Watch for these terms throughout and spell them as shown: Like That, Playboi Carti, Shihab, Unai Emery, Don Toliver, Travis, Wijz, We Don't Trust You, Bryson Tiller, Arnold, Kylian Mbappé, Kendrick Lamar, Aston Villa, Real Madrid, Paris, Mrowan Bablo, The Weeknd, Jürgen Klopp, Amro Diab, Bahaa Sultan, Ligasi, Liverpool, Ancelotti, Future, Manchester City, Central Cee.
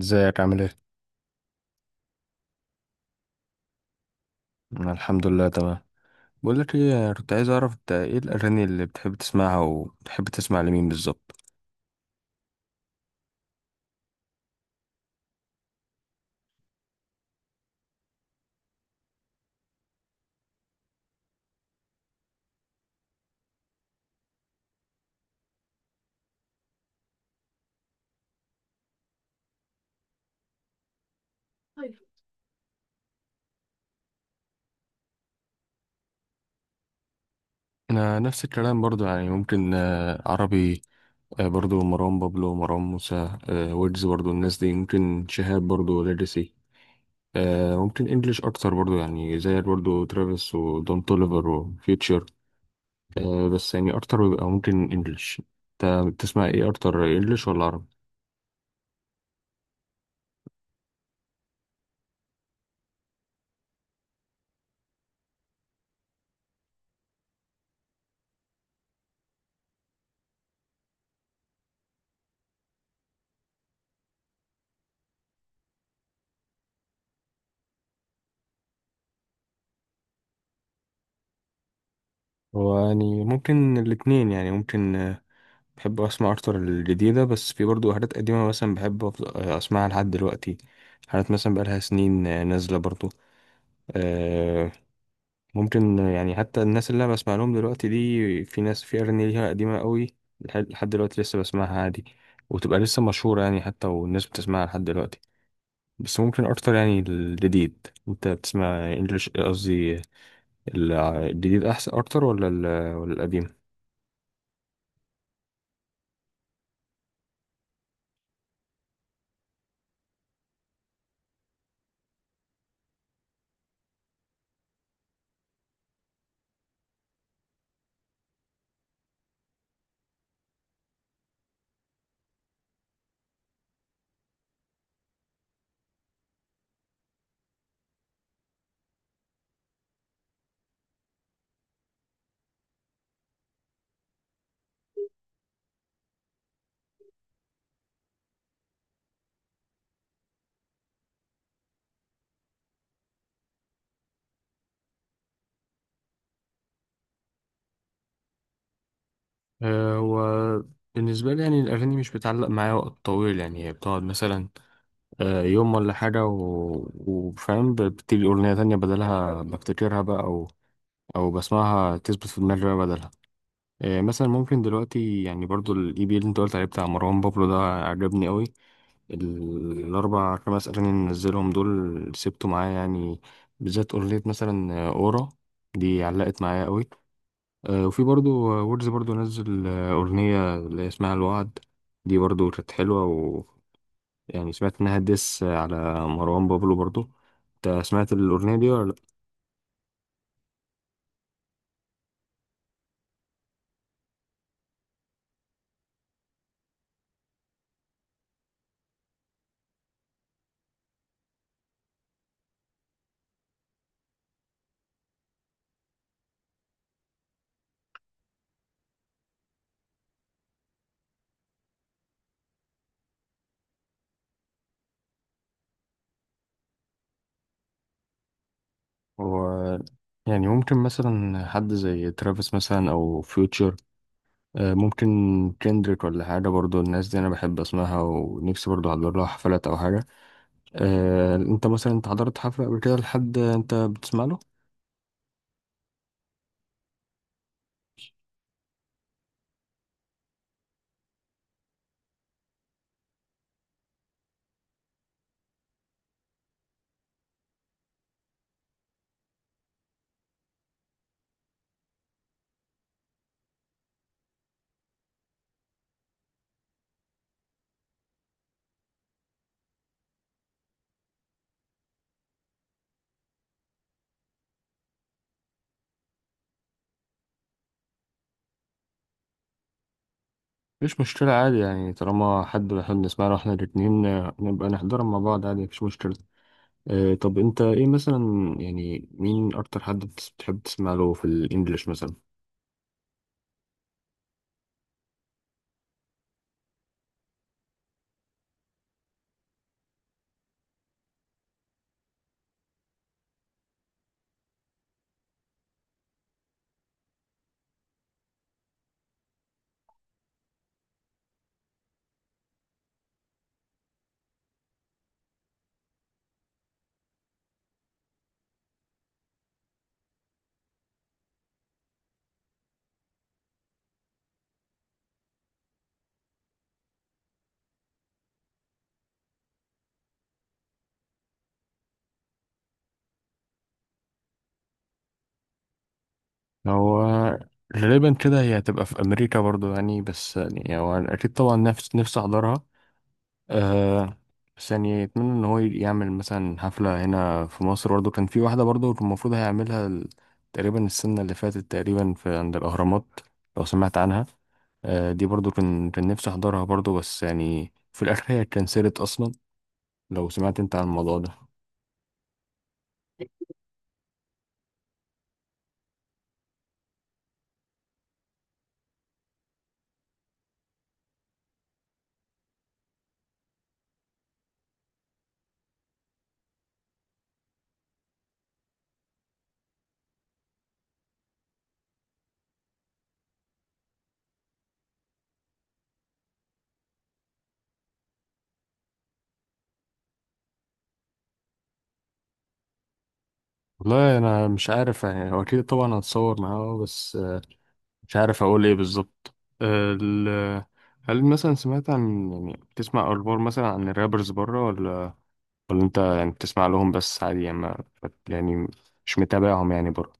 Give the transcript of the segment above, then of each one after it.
ازيك عامل ايه؟ أنا الحمد لله تمام. بقول لك ايه، أنا كنت عايز اعرف انت ايه الاغاني اللي بتحب تسمعها وبتحب تسمع لمين بالظبط؟ طيب. انا نفس الكلام برضو، يعني ممكن عربي. برضو مروان بابلو، مروان موسى، ويجز برضو، الناس دي ممكن شهاب برضو، ليجاسي. ممكن انجليش اكتر برضو، يعني زي برضو ترافيس ودون توليفر وفيوتشر. بس يعني اكتر بيبقى ممكن انجليش. انت بتسمع ايه اكتر، انجليش ولا عربي؟ هو يعني ممكن الاتنين، يعني ممكن. بحب اسمع اكتر الجديده، بس في برضو حاجات قديمه مثلا بحب اسمعها لحد دلوقتي. حاجات مثلا بقالها سنين نازله برضو. آه، ممكن يعني حتى الناس اللي انا بسمع لهم دلوقتي دي، في ناس في اغاني ليها قديمه قوي لحد دلوقتي لسه بسمعها عادي، وتبقى لسه مشهوره يعني، حتى والناس بتسمعها لحد دلوقتي. بس ممكن اكتر يعني الجديد، انت بتسمع انجلش قصدي، الجديد احسن اكتر ولا ولا القديم؟ هو بالنسبة لي يعني الأغاني مش بتعلق معايا وقت طويل، يعني هي بتقعد مثلا يوم ولا حاجة وفاهم، بتيجي أغنية تانية بدلها بفتكرها بقى، أو أو بسمعها تثبت في دماغي بقى بدلها. مثلا ممكن دلوقتي يعني برضو الإي بي اللي أنت قلت عليه بتاع مروان بابلو ده عجبني أوي. الأربع خمس أغاني اللي نزلهم دول سبته معايا يعني، بالذات أغنية مثلا أورا، دي علقت معايا أوي. وفي برضو ويجز برضو نزل أغنية اللي هي اسمها الوعد، دي برضو كانت حلوة. ويعني سمعت إنها ديس على مروان بابلو برضو. أنت سمعت الأغنية دي ولا لأ؟ هو يعني ممكن مثلا حد زي ترافيس مثلا أو فيوتشر، ممكن كندريك ولا حاجة، برضو الناس دي أنا بحب أسمعها ونفسي برضو أحضر لها حفلات أو حاجة. أنت مثلا أنت حضرت حفلة قبل كده لحد أنت بتسمع له؟ مفيش مشكلة عادي، يعني طالما حد بيحب نسمعها واحنا الاتنين نبقى نحضرها مع بعض عادي، مفيش مشكلة. آه، طب انت ايه مثلا، يعني مين اكتر حد بتحب تسمع له في الانجليش مثلا؟ هو غالبا كده هي هتبقى في امريكا برضو يعني، بس يعني هو اكيد طبعا نفسي احضرها. آه. بس يعني يتمنى ان هو يعمل مثلا حفلة هنا في مصر برضه، كان في واحدة برضه المفروض هيعملها تقريبا السنة اللي فاتت تقريبا في عند الأهرامات، لو سمعت عنها. آه، دي برضه كان نفسي أحضرها برضه، بس يعني في الآخر هي اتكنسلت أصلا، لو سمعت أنت عن الموضوع ده. والله أنا مش عارف، يعني هو أكيد طبعا هتصور معاه بس مش عارف أقول إيه بالظبط. آه، ال- هل مثلا سمعت عن، يعني بتسمع أخبار مثلا عن الرابرز بره، ولا انت يعني بتسمع لهم بس عادي يعني، ما يعني مش متابعهم يعني برضه؟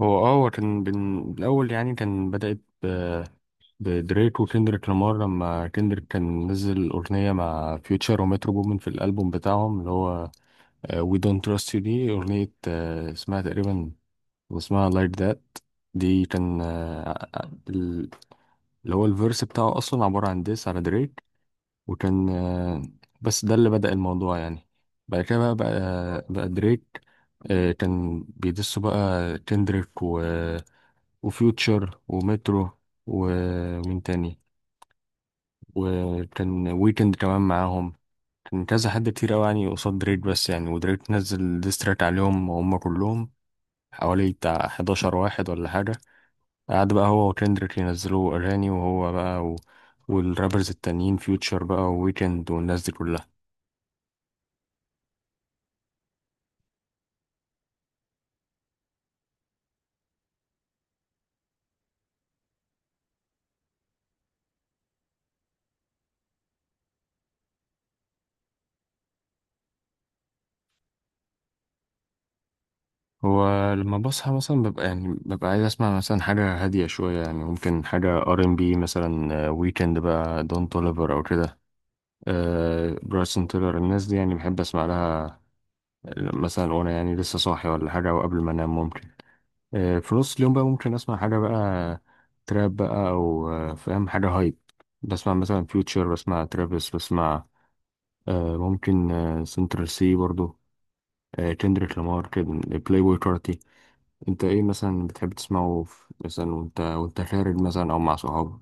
هو هو كان الأول يعني كان بدأت بدريك وكندريك لامار، لما كندريك كان نزل أغنية مع فيوتشر ومترو بومن في الألبوم بتاعهم اللي هو We Don't Trust You، دي أغنية اسمها تقريبا، اسمها Like That. دي كان ال- اللي هو الفيرس بتاعه أصلا عبارة عن ديس على دريك، وكان بس ده اللي بدأ الموضوع يعني. بعد كده بقى دريك كان بيدسوا بقى كندريك وفيوتشر ومترو ومين تاني، وكان ويكند كمان معاهم. كان كذا حد كتير قوي يعني قصاد دريك، بس يعني ودريك نزل ديستراك عليهم هم كلهم، حوالي بتاع 11 واحد ولا حاجة. قعد بقى هو وكندريك ينزلوا أغاني، وهو بقى والرابرز التانيين، فيوتشر بقى وويكند والناس دي كلها. هو لما بصحى مثلا ببقى يعني عايز اسمع مثلا حاجة هادية شوية، يعني ممكن حاجة ار ام بي مثلا، ويكند بقى، دون توليفر او كده. برايسون تيلر، الناس دي يعني بحب اسمع لها مثلا وانا يعني لسه صاحي ولا حاجة او قبل ما انام ممكن. في نص اليوم بقى ممكن اسمع حاجة بقى تراب بقى، او فاهم، حاجة هايب، بسمع مثلا فيوتشر، بسمع ترافيس، بسمع ممكن سنترال سي برضو، كندريك لامار كده، بلاي بوي. انت ايه مثلا بتحب تسمعه مثلا وانت خارج مثلا او مع صحابك؟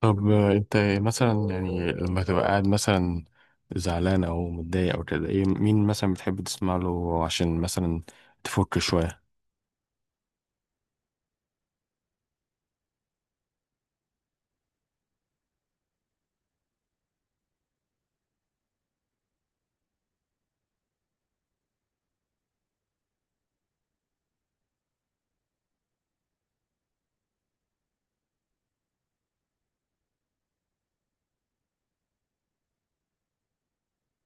طب انت مثلا يعني لما تبقى قاعد مثلا زعلان او متضايق او كده، ايه، مين مثلا بتحب تسمع له عشان مثلا تفك شوية؟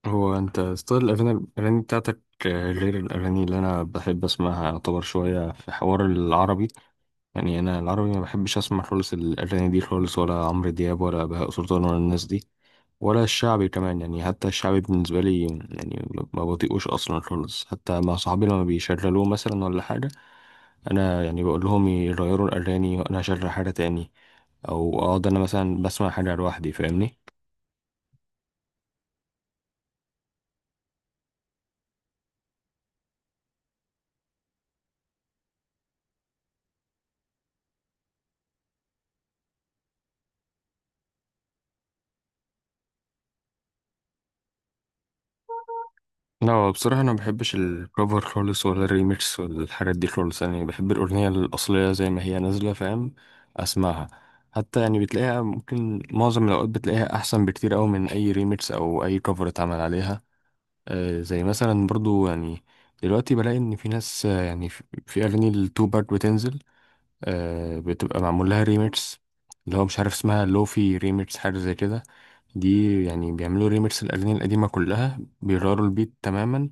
هو انت ستايل الاغاني، بتاعتك غير الاغاني اللي انا بحب اسمعها، يعتبر شويه في حوار العربي. يعني انا العربي ما بحبش اسمع خالص الاغاني دي خالص، ولا عمرو دياب، ولا بهاء سلطان، ولا الناس دي، ولا الشعبي كمان. يعني حتى الشعبي بالنسبة لي، يعني ما بطيقوش أصلا خالص، حتى مع صحابي لما بيشغلوه مثلا ولا حاجة، أنا يعني بقول لهم يغيروا الأغاني وأنا أشغل حاجة تاني، أو أقعد أنا مثلا بسمع حاجة لوحدي. فاهمني؟ لا بصراحة أنا مبحبش الكفر خالص، ولا الريميكس ولا الحاجات دي خالص، يعني بحب الأغنية الأصلية زي ما هي نازلة، فاهم، أسمعها. حتى يعني بتلاقيها ممكن معظم الأوقات بتلاقيها أحسن بكتير أوي من أي ريميكس أو أي كفر اتعمل عليها. زي مثلا برضو يعني دلوقتي بلاقي ان في ناس يعني في اغاني التو باك بتنزل بتبقى معمول لها ريميكس، اللي هو مش عارف اسمها لوفي ريميكس حاجه زي كده. دي يعني بيعملوا ريميكس الاغاني القديمه كلها، بيغيروا البيت تماما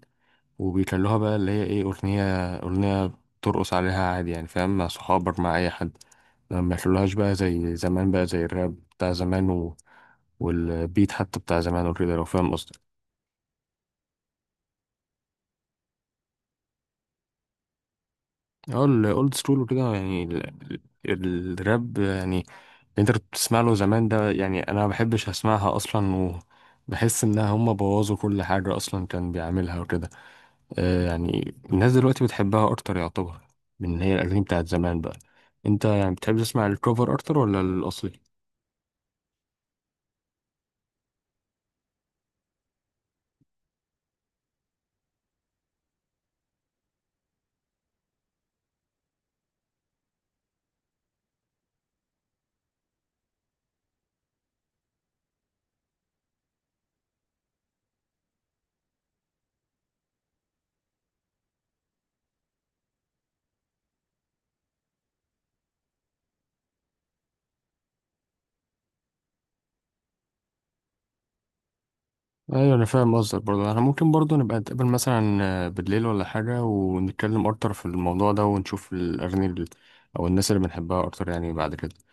وبيخلوها بقى اللي هي ايه، اغنيه اغنيه ترقص عليها عادي يعني، فاهم، مع صحابك مع اي حد، ما يخلوهاش بقى زي زمان بقى، زي الراب بتاع زمان والبيت حتى بتاع زمان وكده، لو فاهم قصدي. اه الاولد سكول وكده، يعني الراب يعني اللي انت كنت بتسمع له زمان ده، يعني انا ما بحبش اسمعها اصلا، وبحس انها هم بوظوا كل حاجه اصلا كان بيعملها وكده. يعني الناس دلوقتي بتحبها اكتر يعتبر من إن هي الاغاني بتاعت زمان بقى. انت يعني بتحب تسمع الكوفر اكتر ولا الاصلي؟ ايوه انا فاهم قصدك برضه، انا ممكن برضه نبقى نتقابل مثلا بالليل ولا حاجه ونتكلم اكتر في الموضوع ده، ونشوف الاغاني او الناس اللي بنحبها اكتر يعني بعد كده.